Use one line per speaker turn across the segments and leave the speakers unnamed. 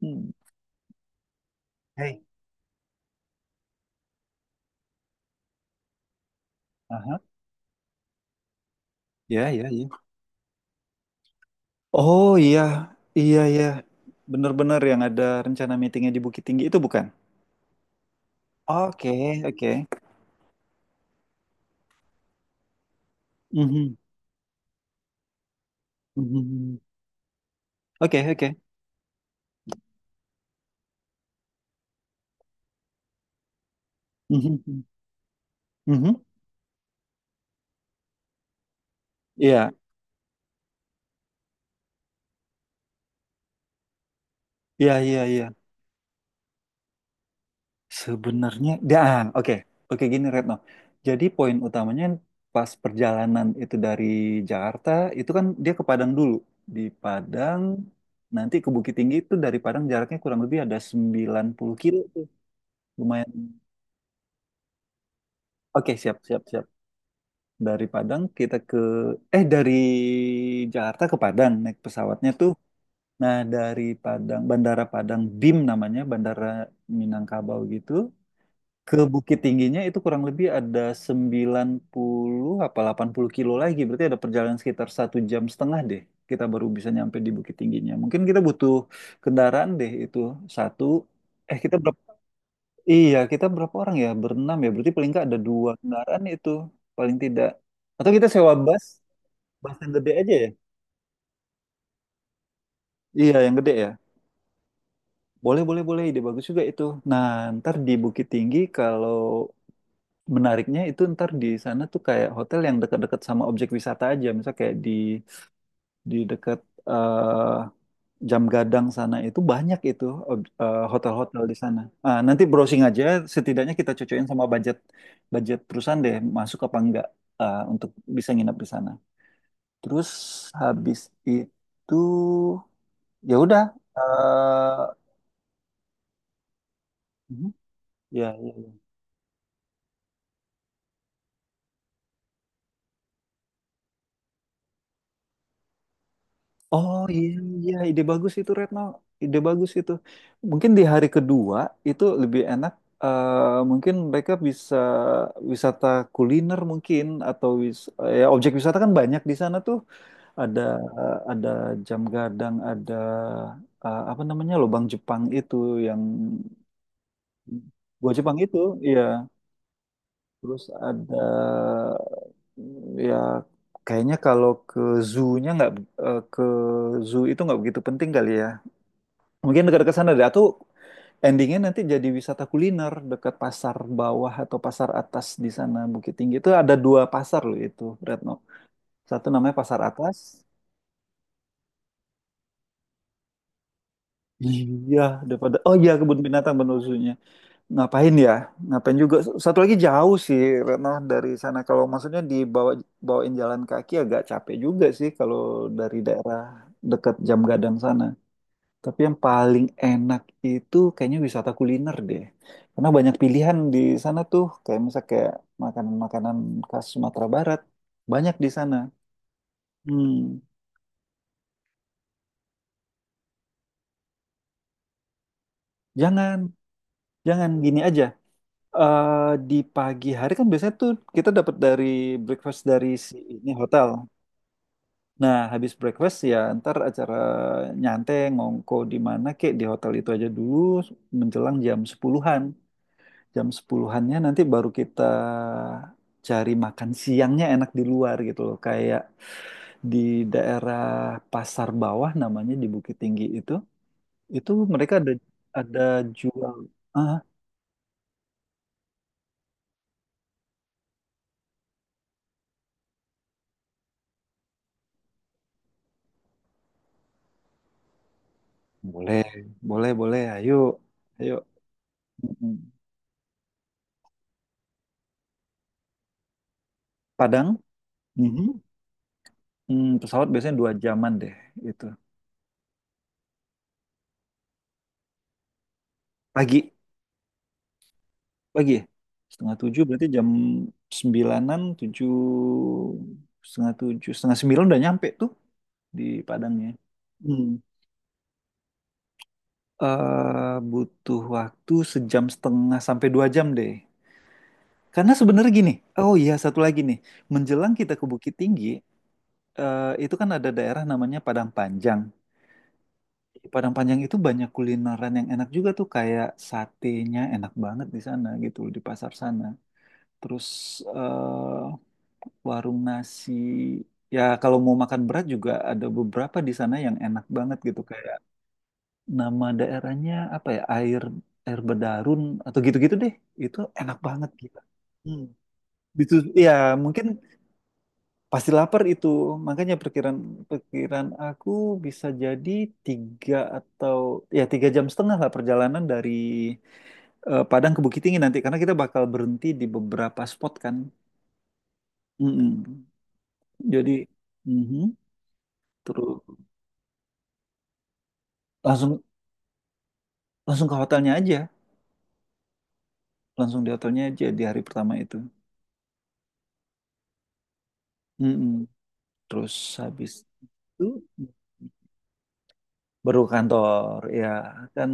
Hmm. Hey. Aha. Ya, ya, ya. Oh iya, iya, iya. Bener-bener yang ada rencana meetingnya di Bukit Tinggi itu bukan? Oke, oke. Mhm, mhm. Oke, oke. Mhm, mhm. Iya, iya, iya, iya. Sebenarnya, dan oke, oke gini Retno. Jadi poin utamanya pas perjalanan itu dari Jakarta, itu kan dia ke Padang dulu. Di Padang, nanti ke Bukit Tinggi itu dari Padang jaraknya kurang lebih ada 90 kilo tuh. Lumayan. Oke, siap, siap, siap. Dari Padang kita ke eh dari Jakarta ke Padang naik pesawatnya tuh. Nah, dari Padang, Bandara Padang BIM namanya, Bandara Minangkabau gitu. Ke Bukit Tingginya itu kurang lebih ada 90 apa 80 kilo lagi. Berarti ada perjalanan sekitar 1 jam setengah deh. Kita baru bisa nyampe di Bukit Tingginya. Mungkin kita butuh kendaraan deh itu satu. Eh, kita berapa? Iya, kita berapa orang ya? Berenam ya. Berarti paling nggak ada 2 kendaraan itu paling tidak. Atau kita sewa bus, yang gede aja ya? Iya, yang gede ya. Boleh, boleh, boleh. Ide bagus juga itu. Nah, ntar di Bukit Tinggi kalau menariknya itu ntar di sana tuh kayak hotel yang dekat-dekat sama objek wisata aja. Misal kayak di dekat eh, Jam Gadang sana itu banyak itu hotel-hotel di sana. Ah, nanti browsing aja, setidaknya kita cocokin sama budget budget perusahaan deh, masuk apa enggak untuk bisa nginep di sana. Terus habis itu ya udah eh, mhm, ya ya. Ya. Oh iya, iya, ide bagus itu Retno, ide bagus itu. Mungkin di hari kedua itu lebih enak. Mungkin mereka bisa wisata kuliner mungkin atau wis, ya objek wisata kan banyak di sana tuh. Ada ada jam gadang, ada apa namanya lubang Jepang itu yang gua Jepang itu, iya. Terus ada ya kayaknya kalau ke zoo-nya nggak eh, ke zoo itu nggak begitu penting kali ya. Mungkin dekat-dekat sana deh. Atau endingnya nanti jadi wisata kuliner dekat pasar bawah atau pasar atas di sana Bukit Tinggi itu ada 2 pasar loh itu Retno. Satu namanya pasar atas. Iya, daripada oh iya kebun binatang bener zoo. Ngapain ya? Ngapain juga? Satu lagi jauh sih, Retno, dari sana. Kalau maksudnya bawain jalan kaki agak capek juga sih kalau dari daerah dekat Jam Gadang sana. Tapi yang paling enak itu kayaknya wisata kuliner deh. Karena banyak pilihan di sana tuh, kayak misal kayak makanan-makanan khas Sumatera Barat. Banyak di sana. Hmm, jangan, jangan gini aja. Di pagi hari kan biasanya tuh kita dapat dari breakfast dari si ini hotel. Nah, habis breakfast ya ntar acara nyantai ngongko di mana kek di hotel itu aja dulu menjelang Jam 10-annya nanti baru kita cari makan siangnya enak di luar gitu loh. Kayak di daerah Pasar Bawah namanya di Bukit Tinggi itu, mereka ada jual ah, boleh, boleh, boleh. Ayo, ayo. Mm-mm. Padang, mhm. Hmm, pesawat biasanya 2 jaman deh itu. Pagi. Pagi ya? Setengah tujuh berarti jam sembilanan, tujuh, setengah sembilan udah nyampe tuh di Padangnya. Hmm. Eh, butuh waktu 1 jam setengah sampai 2 jam deh. Karena sebenarnya gini, oh iya satu lagi nih, menjelang kita ke Bukit Tinggi, itu kan ada daerah namanya Padang Panjang. Di Padang Panjang itu banyak kulineran yang enak juga tuh, kayak satenya enak banget di sana gitu, di pasar sana. Terus eh, warung nasi. Ya kalau mau makan berat juga ada beberapa di sana yang enak banget gitu kayak nama daerahnya apa ya air air bedarun atau gitu-gitu deh. Itu enak banget gitu. Hmm. Itu ya mungkin pasti lapar itu. Makanya perkiraan perkiraan aku bisa jadi tiga atau ya 3 jam setengah lah perjalanan dari Padang ke Bukit Tinggi nanti karena kita bakal berhenti di beberapa spot kan. Mm-mm. Jadi mhm. Terus langsung langsung ke hotelnya aja langsung di hotelnya aja di hari pertama itu. Mm-mm. Terus habis itu baru ke kantor ya kan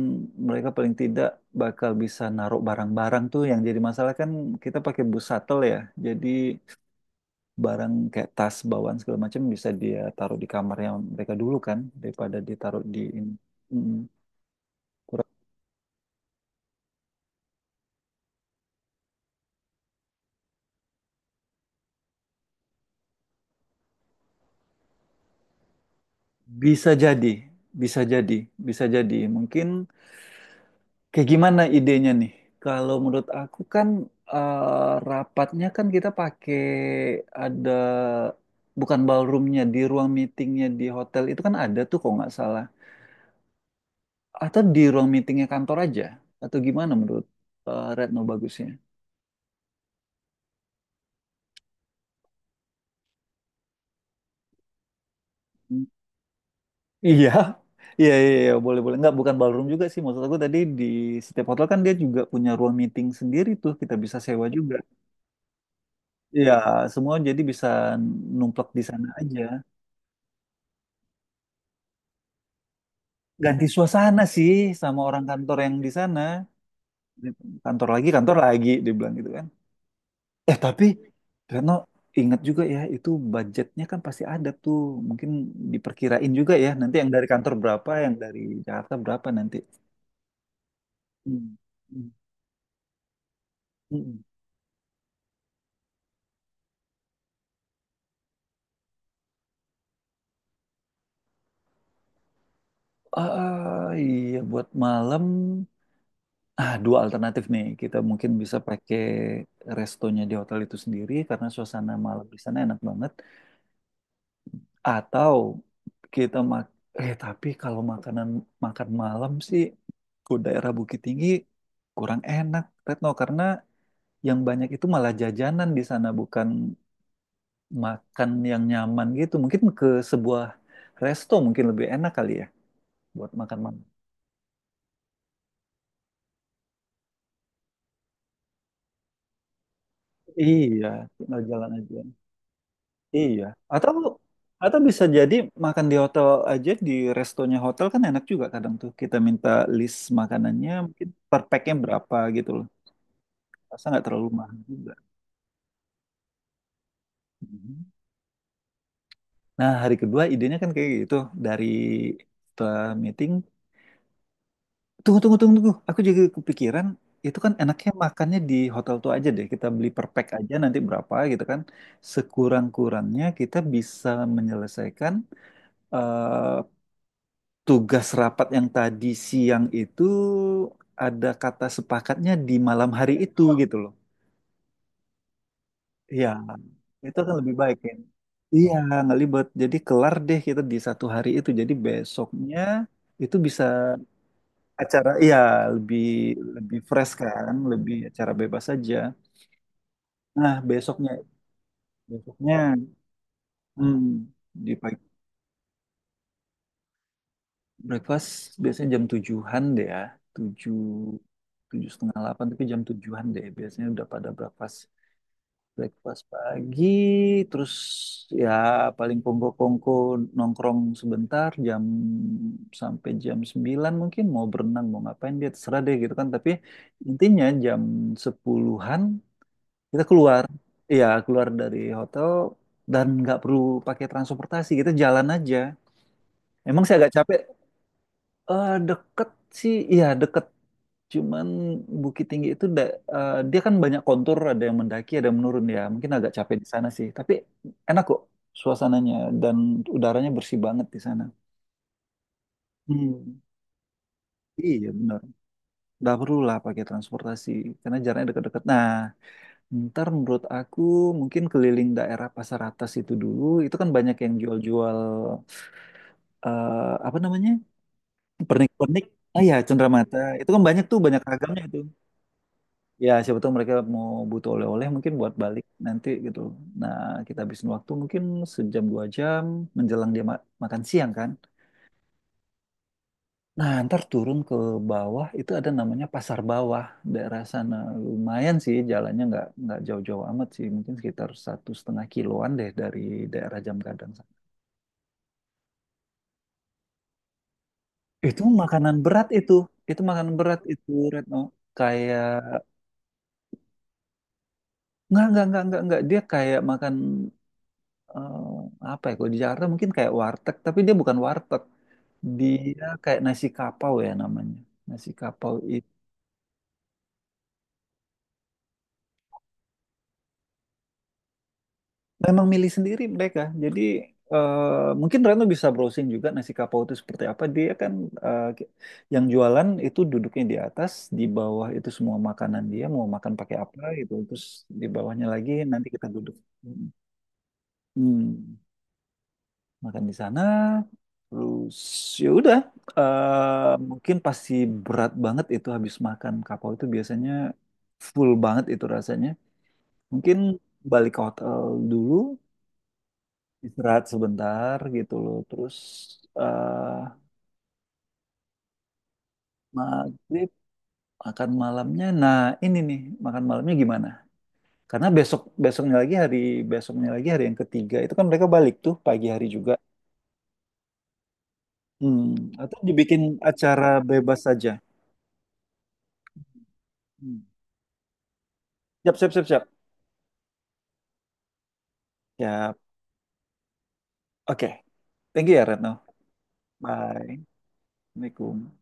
mereka paling tidak bakal bisa naruh barang-barang tuh yang jadi masalah kan kita pakai bus shuttle ya jadi barang kayak tas bawaan segala macam bisa dia taruh di kamarnya mereka dulu kan daripada ditaruh di ini. Mm-mm. Kurang- bisa jadi bisa jadi bisa jadi mungkin. Kayak gimana idenya nih? Kalau menurut aku kan rapatnya kan kita pakai ada bukan ballroomnya di ruang meetingnya di hotel itu kan ada tuh kalau nggak salah. Atau di ruang meetingnya kantor aja? Atau gimana menurut Retno bagusnya? Hmm. Iya, iya, iya, iya, boleh, boleh. Nggak, bukan ballroom juga sih. Maksud aku tadi di setiap hotel kan dia juga punya ruang meeting sendiri tuh. Kita bisa sewa juga. Iya, semua jadi bisa numplak di sana aja, ganti suasana sih sama orang kantor yang di sana. Gitu. Kantor lagi kantor lagi dia bilang gitu kan, tapi Reno ingat juga ya itu budgetnya kan pasti ada tuh mungkin diperkirain juga ya nanti yang dari kantor berapa yang dari Jakarta berapa nanti. Hmm. Hmm. Hmm. Ah, iya buat malam dua alternatif nih kita mungkin bisa pakai restonya di hotel itu sendiri karena suasana malam di sana enak banget. Atau kita mak eh tapi kalau makan malam sih ke daerah Bukit Tinggi kurang enak Retno karena yang banyak itu malah jajanan di sana bukan makan yang nyaman gitu. Mungkin ke sebuah resto mungkin lebih enak kali ya buat makan malam. Iya, tinggal jalan aja. Iya. Atau atau bisa jadi makan di hotel aja di restonya hotel kan enak juga kadang tuh. Kita minta list makanannya mungkin per packnya berapa gitu. Rasa nggak terlalu mahal juga. Mhm. Nah, hari kedua idenya kan kayak gitu. Dari setelah meeting, tunggu, tunggu, tunggu, tunggu. Aku juga kepikiran, itu kan enaknya makannya di hotel tuh aja deh. Kita beli per pack aja nanti berapa gitu kan. Sekurang-kurangnya kita bisa menyelesaikan eh, tugas rapat yang tadi siang itu ada kata sepakatnya di malam hari itu gitu. Iya, itu kan lebih baik ya. Iya, nggak libet. Jadi kelar deh kita di satu hari itu. Jadi besoknya itu bisa acara, iya lebih lebih fresh kan, lebih acara bebas saja. Nah besoknya, besoknya hmm, di pagi breakfast biasanya jam tujuhan deh ya, tujuh tujuh setengah delapan tapi jam tujuhan deh biasanya udah pada breakfast. Breakfast pagi, terus ya paling kongko-kongko nongkrong sebentar jam sampai jam 9 mungkin mau berenang, mau ngapain dia terserah deh gitu kan. Tapi intinya jam sepuluhan an kita keluar. Iya, keluar dari hotel dan nggak perlu pakai transportasi, kita jalan aja. Emang saya agak capek. Deket sih, iya deket. Cuman Bukit Tinggi itu dia kan banyak kontur, ada yang mendaki, ada yang menurun ya. Mungkin agak capek di sana sih, tapi enak kok suasananya dan udaranya bersih banget di sana. Hmm, iya benar. Nggak perlu lah pakai transportasi karena jaraknya dekat-dekat. Nah, ntar menurut aku mungkin keliling daerah Pasar Atas itu dulu. Itu kan banyak yang jual-jual eh, apa namanya pernik-pernik. Ah ya, cenderamata. Itu kan banyak tuh, banyak ragamnya itu. Ya siapa tahu mereka mau butuh oleh-oleh mungkin buat balik nanti gitu. Nah, kita habisin waktu mungkin 1 jam 2 jam menjelang dia makan siang kan. Nah, ntar turun ke bawah itu ada namanya Pasar Bawah daerah sana. Lumayan sih jalannya nggak jauh-jauh amat sih, mungkin sekitar 1,5 kiloan deh dari daerah Jamkadang sana. Itu makanan berat itu makanan berat itu Retno. Kayak nggak, nggak. Dia kayak makan eh, apa ya kalau di Jakarta mungkin kayak warteg tapi dia bukan warteg dia kayak nasi kapau ya namanya nasi kapau itu memang milih sendiri mereka jadi mungkin Reno bisa browsing juga nasi kapau itu seperti apa dia kan eh, ki- yang jualan itu duduknya di atas di bawah itu semua makanan dia mau makan pakai apa gitu terus di bawahnya lagi nanti kita duduk. Hmm. Hmm. Makan di sana terus ya udah mungkin pasti berat banget itu habis makan kapau itu biasanya full banget itu rasanya mungkin balik ke hotel dulu istirahat sebentar gitu loh terus eh maghrib makan malamnya nah ini nih makan malamnya gimana karena besoknya lagi hari yang ketiga itu kan mereka balik tuh pagi hari juga. Hmm. Atau dibikin acara bebas saja. Hmm. Siap siap siap siap. Ya, oke. Thank you ya, Retno. Bye. Assalamualaikum.